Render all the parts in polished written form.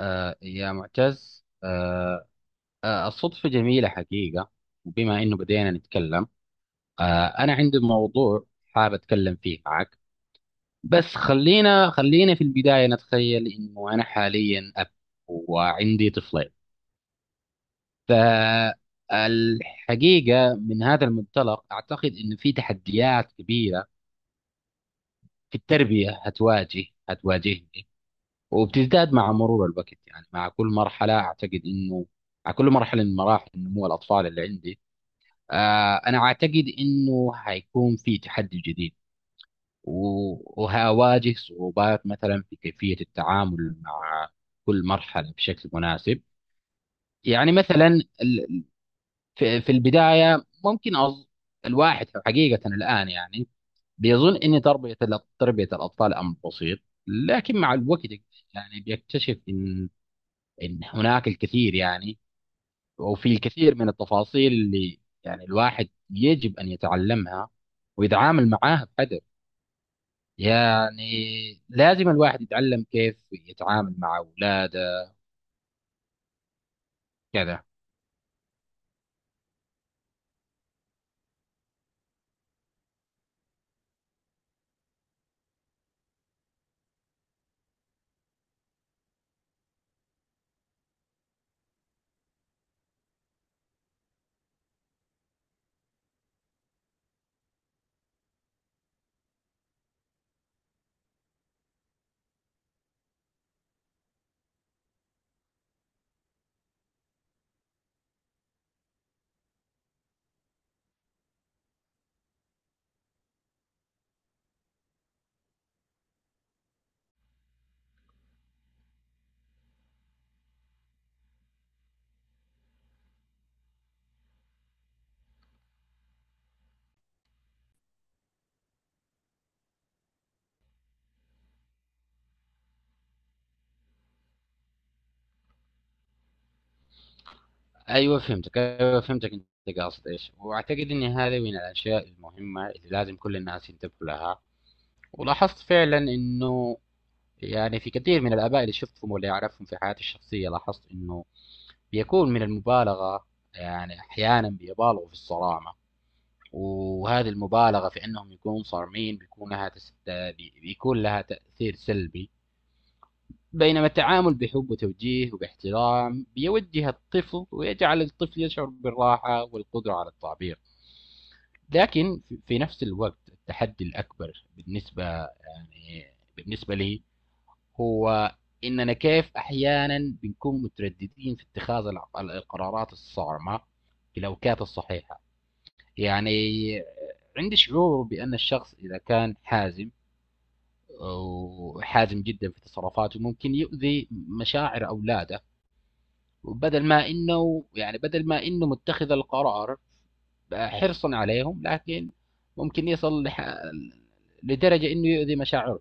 يا معتز. الصدفة جميلة حقيقة. وبما إنه بدينا نتكلم، أنا عندي موضوع حابب أتكلم فيه معك. بس خلينا في البداية نتخيل إنه أنا حاليا أب وعندي طفلين. فالحقيقة من هذا المنطلق أعتقد إنه في تحديات كبيرة في التربية هتواجهني، وبتزداد مع مرور الوقت، يعني مع كل مرحلة أعتقد إنه مع كل مرحلة من مراحل نمو الأطفال اللي عندي. أنا أعتقد إنه حيكون في تحدي جديد، و- وهواجه صعوبات مثلا في كيفية التعامل مع كل مرحلة بشكل مناسب. يعني مثلا ال- في البداية ممكن الواحد حقيقة الآن يعني بيظن إن تربية تربية الأطفال أمر بسيط، لكن مع الوقت يعني بيكتشف إن هناك الكثير، يعني وفي الكثير من التفاصيل اللي يعني الواحد يجب أن يتعلمها ويتعامل معاها بقدر، يعني لازم الواحد يتعلم كيف يتعامل مع أولاده. كذا. أيوة فهمتك، أيوة فهمتك أنت قاصد إيش. وأعتقد أن هذه من الأشياء المهمة اللي لازم كل الناس ينتبهوا لها. ولاحظت فعلا أنه يعني في كثير من الآباء اللي شفتهم واللي أعرفهم في حياتي الشخصية، لاحظت أنه بيكون من المبالغه، يعني احيانا بيبالغوا في الصرامه. وهذه المبالغه في انهم يكونوا صارمين بيكون لها بيكون لها تاثير سلبي. بينما التعامل بحب وتوجيه وباحترام بيوجه الطفل ويجعل الطفل يشعر بالراحه والقدره على التعبير. لكن في نفس الوقت التحدي الاكبر بالنسبه يعني بالنسبه لي هو اننا كيف احيانا بنكون مترددين في اتخاذ القرارات الصارمه في الاوقات الصحيحه. يعني عندي شعور بان الشخص اذا كان حازم وحازم جدا في تصرفاته ممكن يؤذي مشاعر اولاده، بدل ما انه يعني بدل ما انه متخذ القرار حرصا عليهم، لكن ممكن يصل لدرجه انه يؤذي مشاعرهم.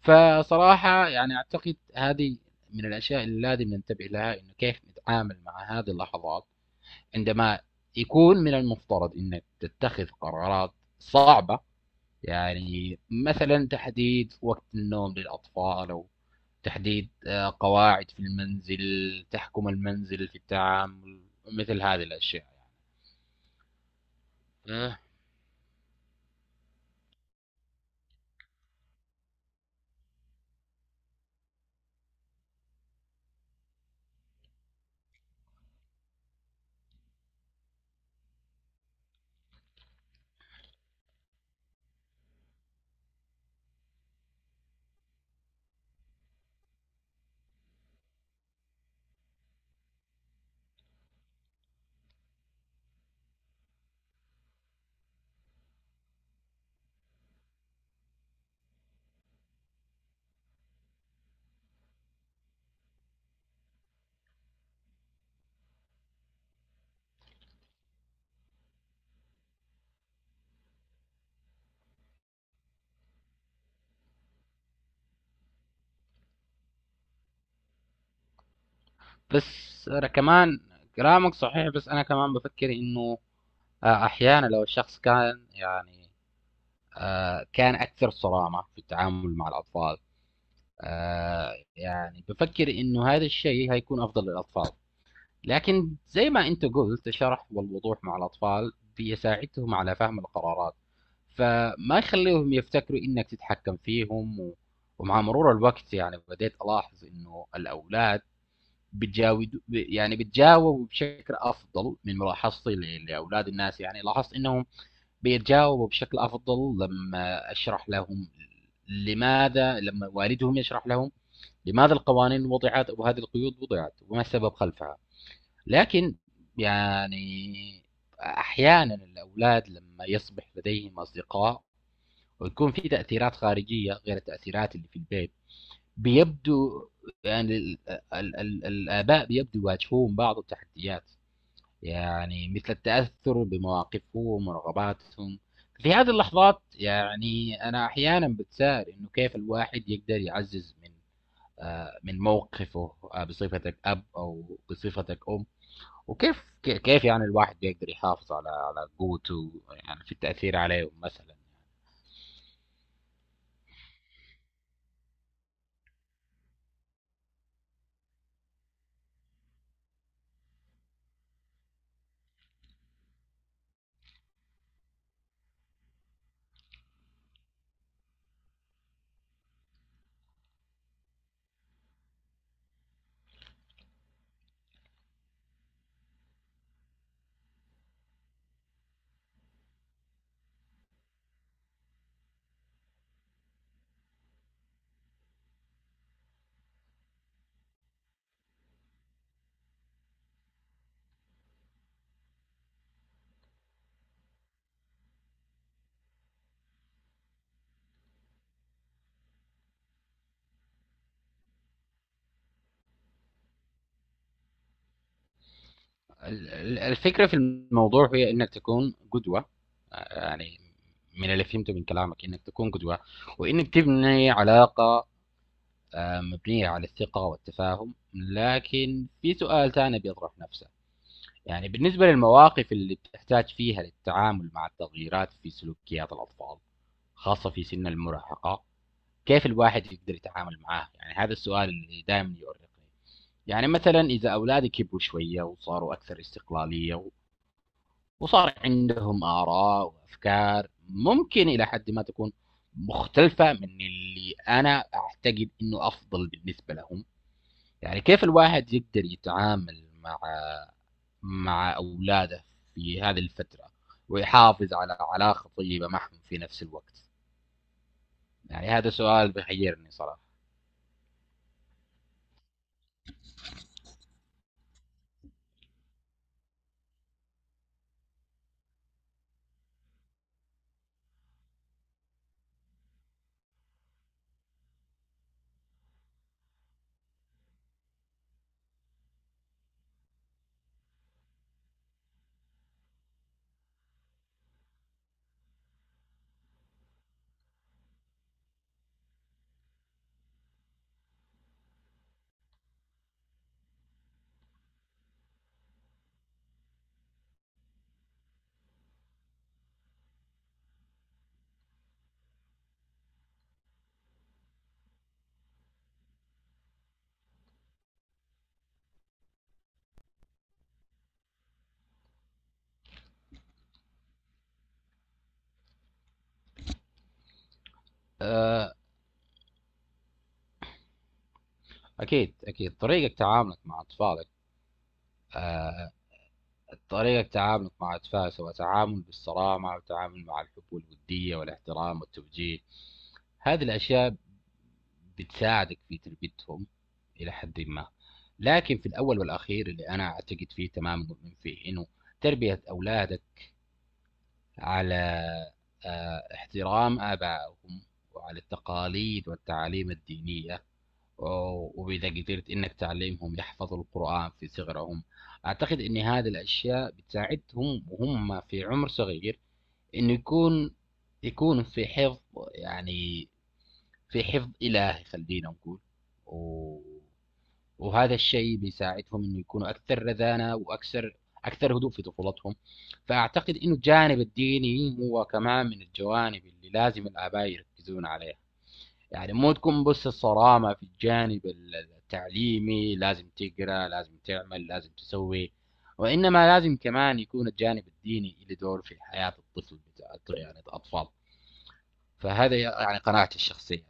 فصراحة يعني أعتقد هذه من الأشياء اللي لازم ننتبه لها، إنه كيف نتعامل مع هذه اللحظات عندما يكون من المفترض إنك تتخذ قرارات صعبة. يعني مثلا تحديد وقت النوم للأطفال، أو تحديد قواعد في المنزل تحكم المنزل في التعامل، مثل هذه الأشياء. آه. بس أنا كمان كلامك صحيح، بس أنا كمان بفكر إنه أحيانا لو الشخص كان يعني كان اكثر صرامه في التعامل مع الاطفال، يعني بفكر انه هذا الشيء هيكون افضل للاطفال. لكن زي ما انت قلت، الشرح والوضوح مع الاطفال بيساعدهم على فهم القرارات، فما يخليهم يفتكروا انك تتحكم فيهم. ومع مرور الوقت يعني بديت الاحظ انه الاولاد بتجاود يعني بتجاوبوا بشكل افضل، من ملاحظتي لاولاد الناس يعني لاحظت انهم بيتجاوبوا بشكل افضل لما اشرح لهم لماذا، لما والدهم يشرح لهم لماذا القوانين وضعت وهذه القيود وضعت وما السبب خلفها. لكن يعني احيانا الاولاد لما يصبح لديهم اصدقاء ويكون في تاثيرات خارجيه غير التاثيرات اللي في البيت، بيبدو يعني الاباء بيبدو يواجهون بعض التحديات، يعني مثل التأثر بمواقفهم ورغباتهم. في هذه اللحظات يعني أنا أحيانا بتساءل إنه كيف الواحد يقدر يعزز من من موقفه، بصفتك أب أو بصفتك أم، وكيف كيف يعني الواحد يقدر يحافظ على قوته يعني في التأثير عليهم مثلا. الفكرة في الموضوع هي إنك تكون قدوة، يعني من اللي فهمته من كلامك إنك تكون قدوة، وإنك تبني علاقة مبنية على الثقة والتفاهم. لكن في سؤال ثاني بيطرح نفسه، يعني بالنسبة للمواقف اللي بتحتاج فيها للتعامل مع التغييرات في سلوكيات الأطفال، خاصة في سن المراهقة، كيف الواحد يقدر يتعامل معاه؟ يعني هذا السؤال اللي دائما يؤرقني. يعني مثلا إذا أولادي كبروا شوية وصاروا أكثر استقلالية، وصار عندهم آراء وأفكار ممكن إلى حد ما تكون مختلفة من اللي أنا أعتقد إنه أفضل بالنسبة لهم، يعني كيف الواحد يقدر يتعامل مع اولاده في هذه الفتره ويحافظ على علاقه طيبه معهم في نفس الوقت؟ يعني هذا سؤال بيحيرني صراحه. أه، اكيد اكيد طريقه تعاملك مع اطفالك، طريقة تعاملك مع أطفال، سواء تعامل بالصرامة أو تعامل مع الحب والودية والاحترام والتوجيه، هذه الأشياء بتساعدك في تربيتهم إلى حد ما. لكن في الأول والأخير اللي أنا أعتقد فيه، تماما مؤمن فيه، إنه تربية أولادك على احترام آبائهم وعلى التقاليد والتعاليم الدينية، وإذا قدرت إنك تعلمهم يحفظوا القرآن في صغرهم، أعتقد إن هذه الأشياء بتساعدهم وهم في عمر صغير، إنه يكون في حفظ، يعني في حفظ إلهي خلينا نقول. و... وهذا الشيء بيساعدهم إنه يكونوا أكثر رزانة، وأكثر هدوء في طفولتهم. فأعتقد إنه الجانب الديني هو كمان من الجوانب اللي لازم الآباء يركزون عليها. يعني مو تكون بس الصرامة في الجانب التعليمي، لازم تقرأ، لازم تعمل، لازم تسوي، وإنما لازم كمان يكون الجانب الديني له دور في حياة الطفل بتاع يعني الأطفال. فهذا يعني قناعتي الشخصية.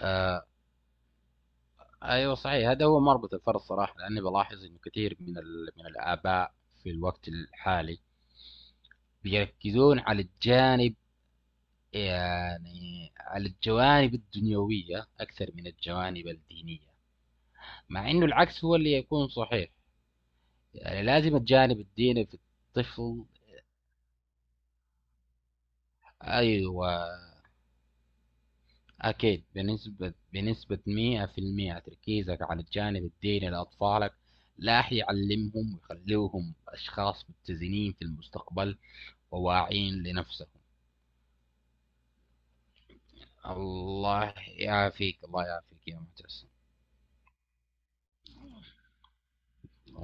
آه. أيوه صحيح، هذا هو مربط الفرس صراحة. لأني بلاحظ إنه كثير من من الآباء في الوقت الحالي بيركزون على الجانب، يعني على الجوانب الدنيوية أكثر من الجوانب الدينية، مع انه العكس هو اللي يكون صحيح. يعني لازم الجانب الديني في الطفل. ايوه اكيد، بنسبه 100% تركيزك على الجانب الديني لاطفالك لا يعلمهم ويخلوهم اشخاص متزنين في المستقبل وواعين لنفسهم. الله يعافيك، الله يعافيك يا معتصم.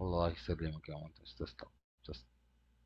الله يسلمك يا معتصم. تسلم.